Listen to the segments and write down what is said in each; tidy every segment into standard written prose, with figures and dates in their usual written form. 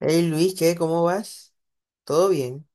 Hey Luis, ¿qué? ¿Cómo vas? ¿Todo bien?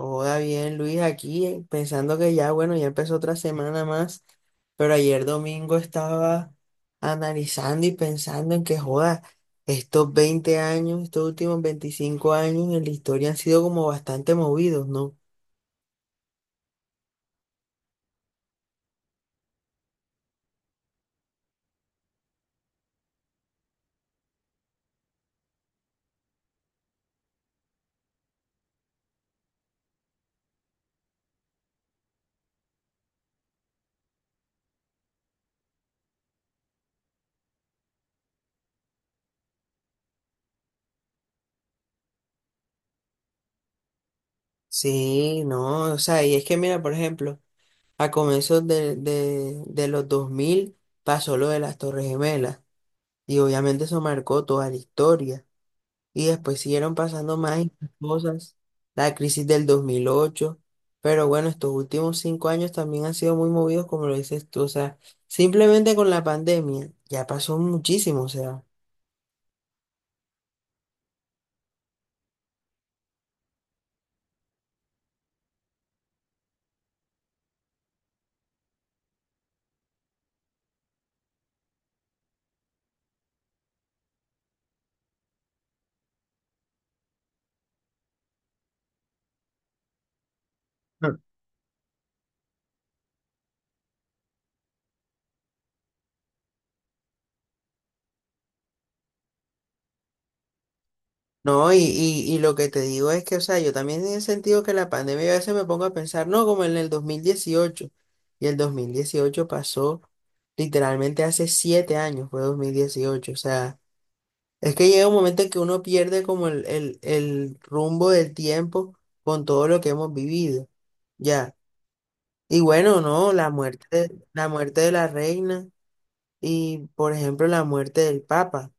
Hola, bien, Luis, aquí pensando que ya, bueno, ya empezó otra semana más, pero ayer domingo estaba analizando y pensando en que, joda, estos 20 años, estos últimos 25 años en la historia han sido como bastante movidos, ¿no? Sí, no, o sea, y es que mira, por ejemplo, a comienzos de, los 2000 pasó lo de las Torres Gemelas y obviamente eso marcó toda la historia. Y después siguieron pasando más y más cosas, la crisis del 2008, pero bueno, estos últimos 5 años también han sido muy movidos, como lo dices tú, o sea, simplemente con la pandemia ya pasó muchísimo, o sea. Mm. No, y lo que te digo es que, o sea, yo también en sentido que la pandemia a veces me pongo a pensar, no, como en el 2018, y el 2018 pasó literalmente hace 7 años, fue 2018, o sea. Es que llega un momento en que uno pierde como el rumbo del tiempo con todo lo que hemos vivido, ya. Y bueno, no, la muerte de la reina y, por ejemplo, la muerte del papa.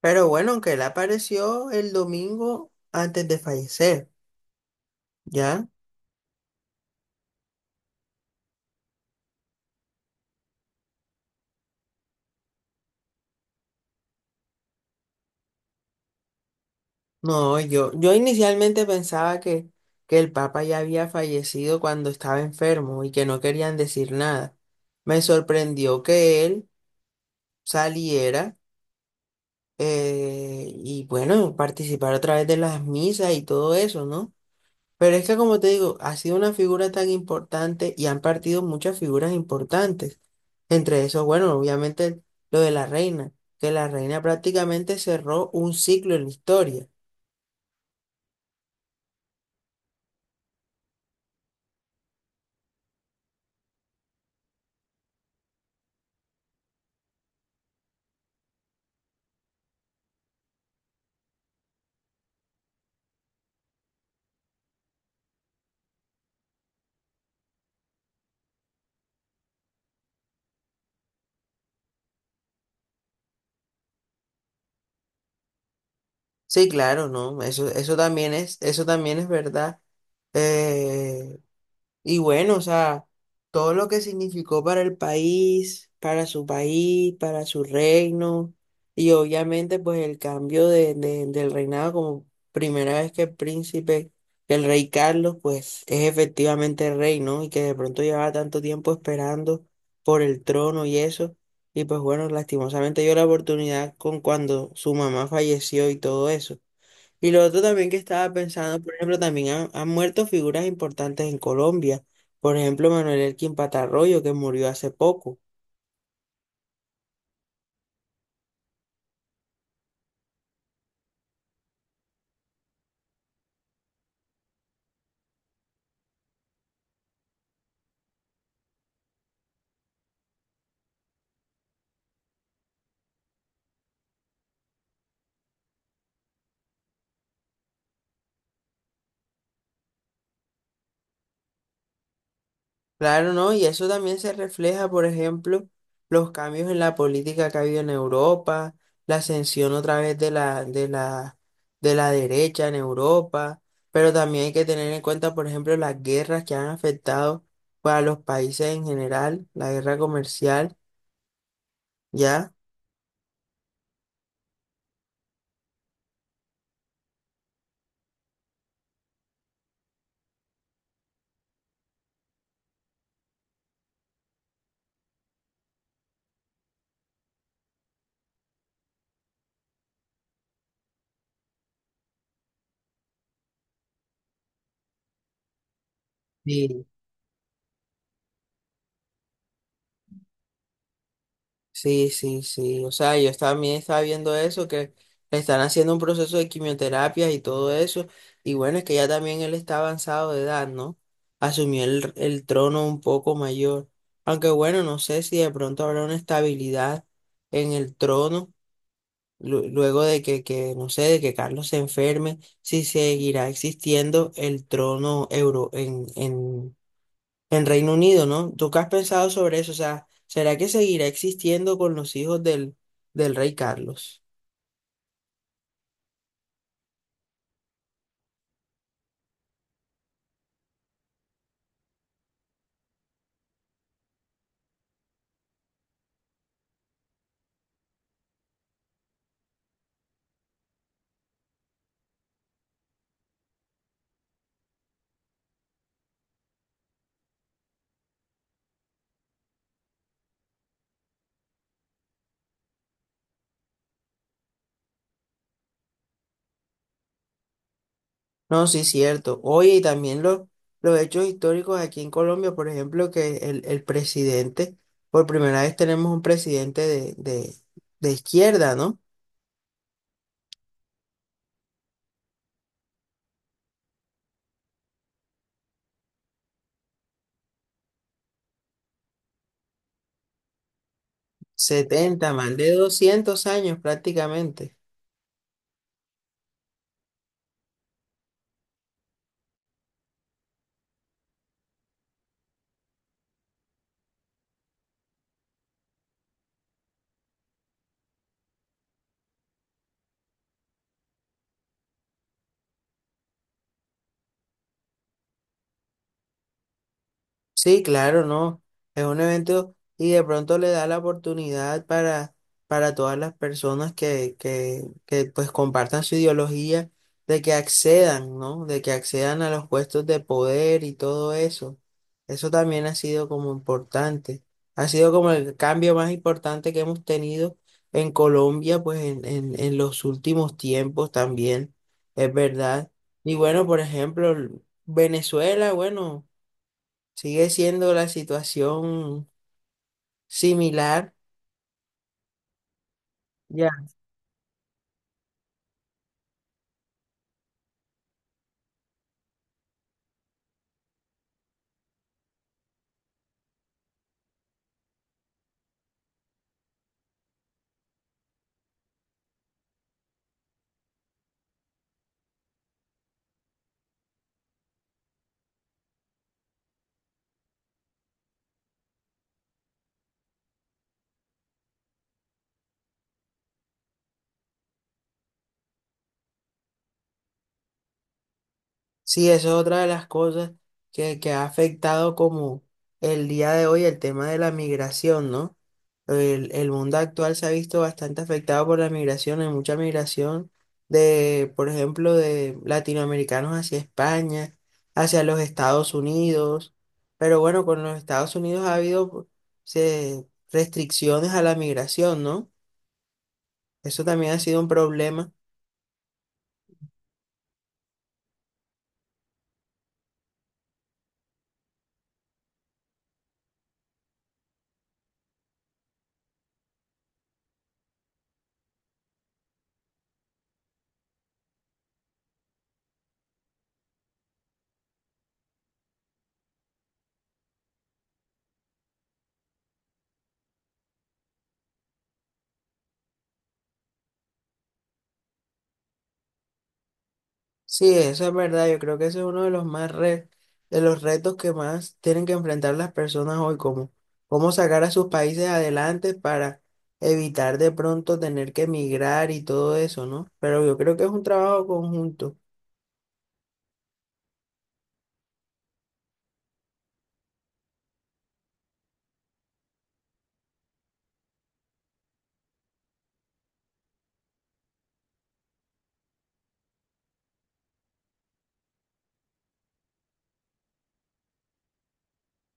Pero bueno, aunque él apareció el domingo antes de fallecer, ya. No, yo inicialmente pensaba que el papa ya había fallecido cuando estaba enfermo y que no querían decir nada. Me sorprendió que él saliera, y bueno, participar a través de las misas y todo eso, ¿no? Pero es que como te digo, ha sido una figura tan importante y han partido muchas figuras importantes. Entre esos, bueno, obviamente lo de la reina, que la reina prácticamente cerró un ciclo en la historia. Sí, claro, ¿no? Eso, eso también es verdad. Eh, Y bueno, o sea, todo lo que significó para el país, para su reino, y obviamente pues el cambio del reinado como primera vez que el rey Carlos, pues es efectivamente rey, ¿no? Y que de pronto llevaba tanto tiempo esperando por el trono y eso. Y pues bueno, lastimosamente dio la oportunidad con cuando su mamá falleció y todo eso. Y lo otro también que estaba pensando, por ejemplo, también han muerto figuras importantes en Colombia. Por ejemplo, Manuel Elkin Patarroyo, que murió hace poco. Claro, ¿no? Y eso también se refleja, por ejemplo, los cambios en la política que ha habido en Europa, la ascensión otra vez de la derecha en Europa. Pero también hay que tener en cuenta, por ejemplo, las guerras que han afectado para los países en general, la guerra comercial, ¿ya? Sí. Sí, sí, sí. O sea, yo también estaba viendo eso, que le están haciendo un proceso de quimioterapia y todo eso. Y bueno, es que ya también él está avanzado de edad, ¿no? Asumió el trono un poco mayor. Aunque bueno, no sé si de pronto habrá una estabilidad en el trono, luego de que, no sé, de que Carlos se enferme, si seguirá existiendo el trono euro en, en Reino Unido, ¿no? ¿Tú qué has pensado sobre eso? O sea, ¿será que seguirá existiendo con los hijos del rey Carlos? No, sí, cierto. Oye, y también los hechos históricos aquí en Colombia, por ejemplo, que el presidente, por primera vez tenemos un presidente de izquierda, ¿no? Setenta, más de 200 años prácticamente. Sí, claro, no. Es un evento y de pronto le da la oportunidad para todas las personas que, que pues compartan su ideología de que accedan, ¿no? De que accedan a los puestos de poder y todo eso. Eso también ha sido como importante. Ha sido como el cambio más importante que hemos tenido en Colombia, pues en los últimos tiempos también, es verdad. Y bueno, por ejemplo, Venezuela, bueno. Sigue siendo la situación similar. Ya. Sí, eso es otra de las cosas que ha afectado como el día de hoy el tema de la migración, ¿no? El mundo actual se ha visto bastante afectado por la migración, hay mucha migración de, por ejemplo, de latinoamericanos hacia España, hacia los Estados Unidos, pero bueno, con los Estados Unidos ha habido restricciones a la migración, ¿no? Eso también ha sido un problema. Sí, eso es verdad. Yo creo que ese es uno de los más de los retos que más tienen que enfrentar las personas hoy, como cómo sacar a sus países adelante para evitar de pronto tener que emigrar y todo eso, ¿no? Pero yo creo que es un trabajo conjunto.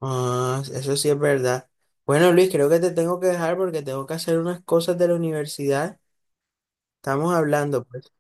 Ah, eso sí es verdad. Bueno, Luis, creo que te tengo que dejar porque tengo que hacer unas cosas de la universidad. Estamos hablando, pues.